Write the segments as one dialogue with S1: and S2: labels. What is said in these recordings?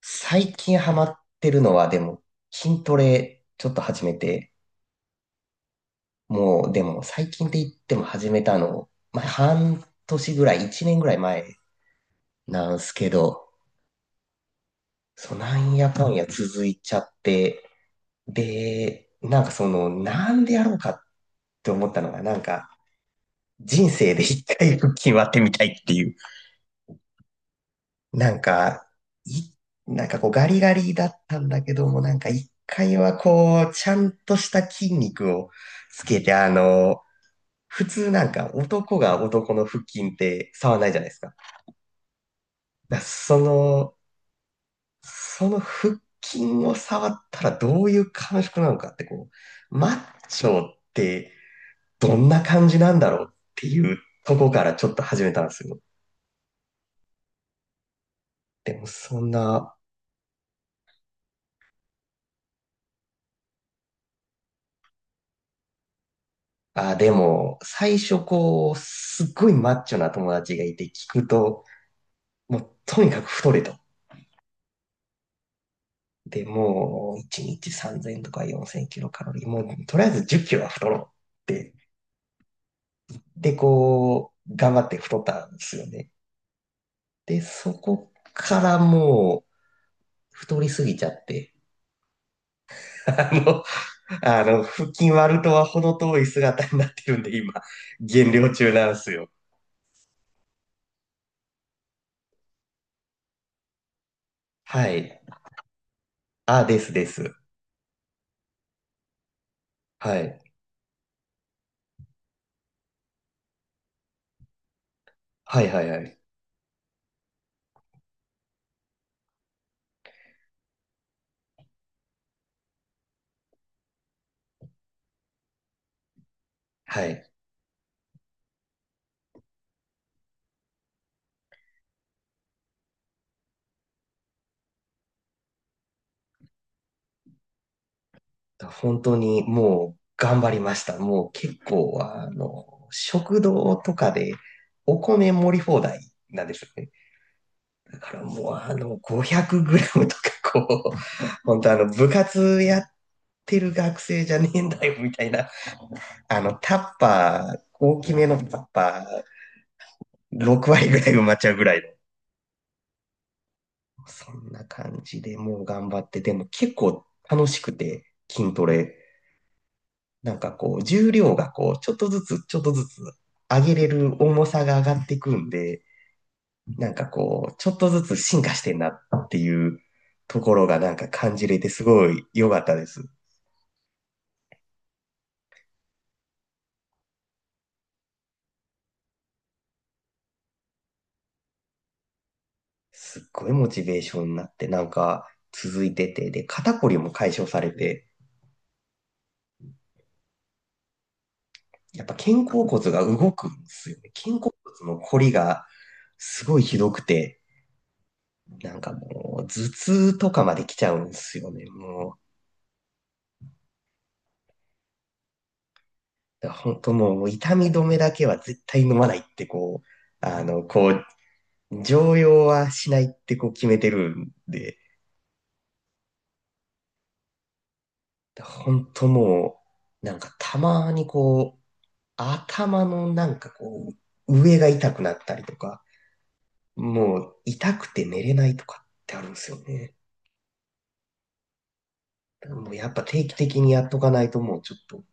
S1: 最近ハマってるのは、でも、筋トレちょっと始めて、もう、でも、最近って言っても始めたの、まあ、半年ぐらい、一年ぐらい前なんすけど、そう、なんやかんや続いちゃって、で、なんかその、なんでやろうかって思ったのが、なんか、人生で一回腹筋割ってみたいっていうなんか、い、なんかこうガリガリだったんだけども、なんか一回はこう、ちゃんとした筋肉をつけて、普通なんか男が男の腹筋って触らないじゃないですか。だからその腹筋を触ったらどういう感触なのかってこう、マッチョってどんな感じなんだろうっていうとこからちょっと始めたんですよ。でもそんなあ、でも、最初こう、すっごいマッチョな友達がいて聞くと、もうとにかく太れと。で、もう、1日3000とか4000キロカロリー、もう、とりあえず10キロは太ろうって。で、こう、頑張って太ったんですよね。で、そこからもう、太りすぎちゃって、あの、腹筋割るとは程遠い姿になってるんで、今、減量中なんですよ。はい。あ、ですです。はい。はいはいはい。はい。本当にもう頑張りました。もう結構、食堂とかでお米盛り放題なんですよね。だからもう500グラムとかこう、本当部活やってる学生じゃねえんだよみたいな、あの、タッパー、大きめのタッパー、6割ぐらい埋まっちゃうぐらいの。そんな感じでもう頑張って、でも結構楽しくて筋トレなんかこう、重量がこう、ちょっとずつ、ちょっとずつ上げれる重さが上がってくんで、なんかこう、ちょっとずつ進化してんなっていうところがなんか感じれてすごい良かったです。すっごいモチベーションになって、なんか続いてて、で、肩こりも解消されて、やっぱ肩甲骨が動くんですよね。肩甲骨のこりがすごいひどくて、なんかもう頭痛とかまで来ちゃうんですよね。もうだから本当もう痛み止めだけは絶対飲まないってこう、こう、常用はしないってこう決めてるんで、だから本当もう、なんかたまにこう、頭のなんかこう、上が痛くなったりとか、もう痛くて寝れないとかってあるんですよね。だからもうやっぱ定期的にやっとかないともうちょっと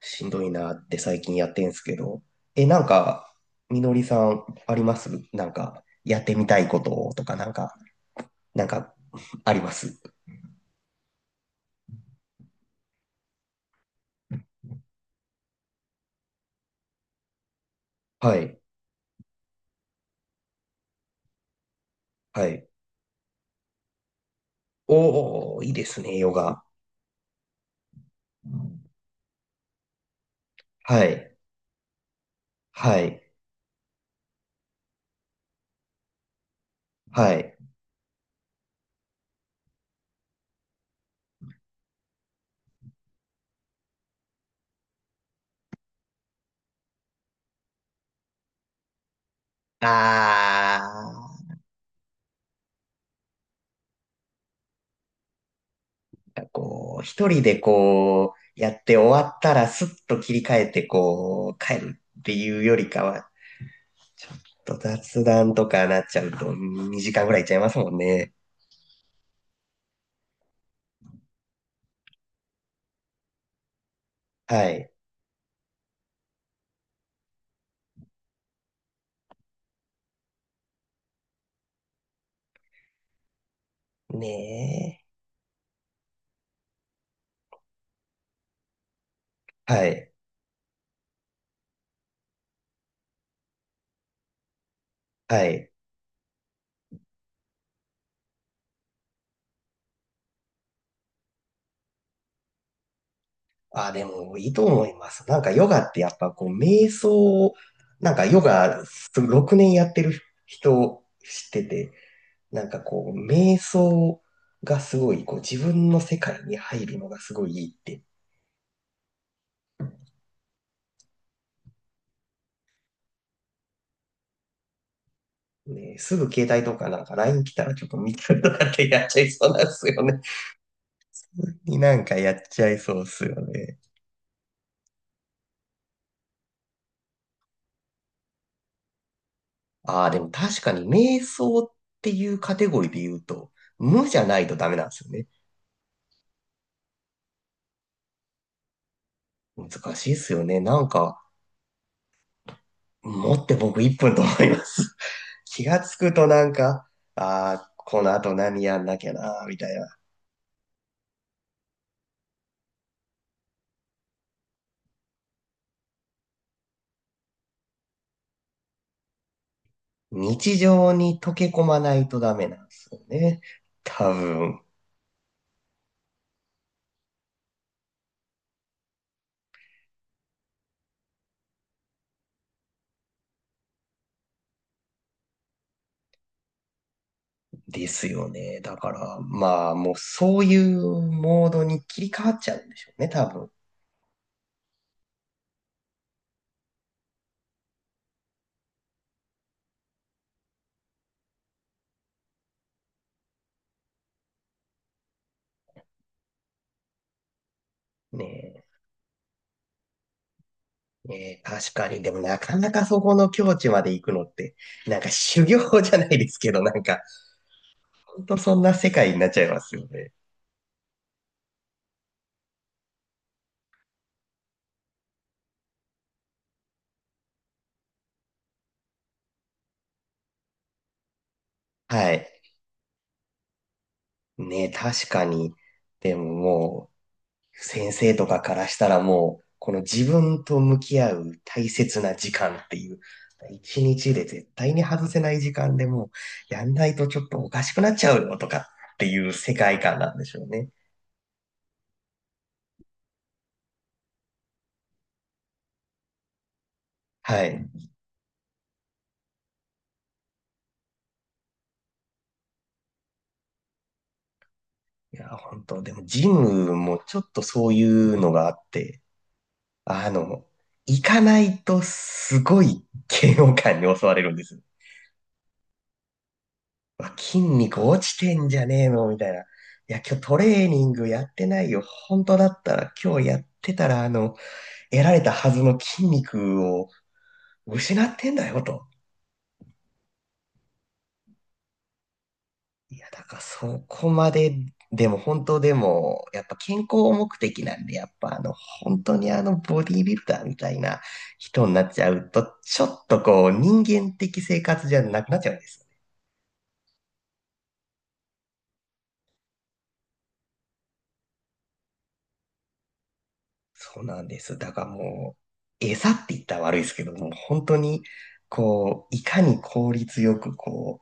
S1: しんどいなって最近やってんすけど、なんか、みのりさんありますなんか、やってみたいこととかなんか、あります？はい。はい。おー、いいですね、ヨガ。はい。はい。はい。あー、なんかこう、一人でこう、やって終わったらスッと切り替えてこう、帰るっていうよりかは、ちょっと雑談とかなっちゃうと2時間ぐらいいっちゃいますもんね。はい。ねえ。はい。はい。あ、でもいいと思います。なんかヨガってやっぱこう瞑想を、なんかヨガ6年やってる人知ってて、なんかこう瞑想がすごいこう自分の世界に入るのがすごいいいって。ね、すぐ携帯とかなんか LINE 来たらちょっと見たりとかってやっちゃいそうなんですよね。になんかやっちゃいそうっすよね。ああ、でも確かに瞑想っていうカテゴリーで言うと、無じゃないとダメなんですよね。難しいっすよね。なんか、持って僕1分と思います。気がつくとなんか、ああ、この後何やんなきゃな、みたいな。日常に溶け込まないとダメなんですよね。多分、ですよね。だから、まあ、もうそういうモードに切り替わっちゃうんでしょうね、多分。ねねえ、確かに。でもなかなかそこの境地まで行くのって、なんか修行じゃないですけど、なんか、ほんとそんな世界になっちゃいますよね。はい。ね、確かに。でももう、先生とかからしたらもう、この自分と向き合う大切な時間っていう、一日で絶対に外せない時間でもう、やんないとちょっとおかしくなっちゃうよとかっていう世界観なんでしょうね。はい。いや、本当でもジムもちょっとそういうのがあって、あの、行かないとすごい嫌悪感に襲われるんですよ。うわ筋肉落ちてんじゃねえのみたいな。いや、今日トレーニングやってないよ。本当だったら今日やってたら、得られたはずの筋肉を失ってんだよと。いや、だからそこまで、でも本当でも、やっぱ健康目的なんで、やっぱ本当にボディービルダーみたいな人になっちゃうと、ちょっとこう、人間的生活じゃなくなっちゃうんですね。そうなんです。だからもう、餌って言ったら悪いですけども、本当に、こう、いかに効率よく、こ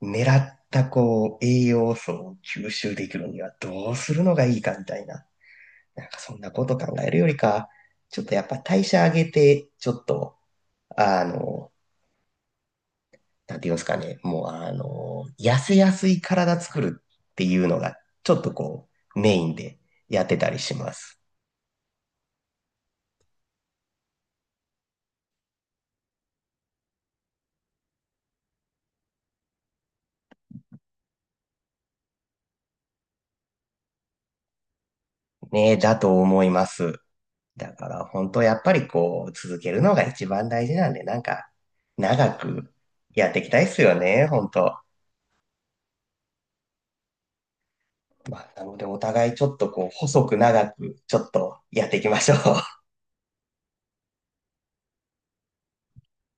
S1: う、狙った、こう、栄養素を吸収できるにはどうするのがいいかみたいな、なんかそんなこと考えるよりか、ちょっとやっぱ代謝上げて、ちょっと、あの、なんて言いますかね、もう、痩せやすい体作るっていうのが、ちょっとこう、メインでやってたりします。ね、だと思います。だから本当やっぱりこう続けるのが一番大事なんで、なんか長くやっていきたいっすよね、本当。まあ、なのでお互いちょっとこう細く長くちょっとやっていきましょう。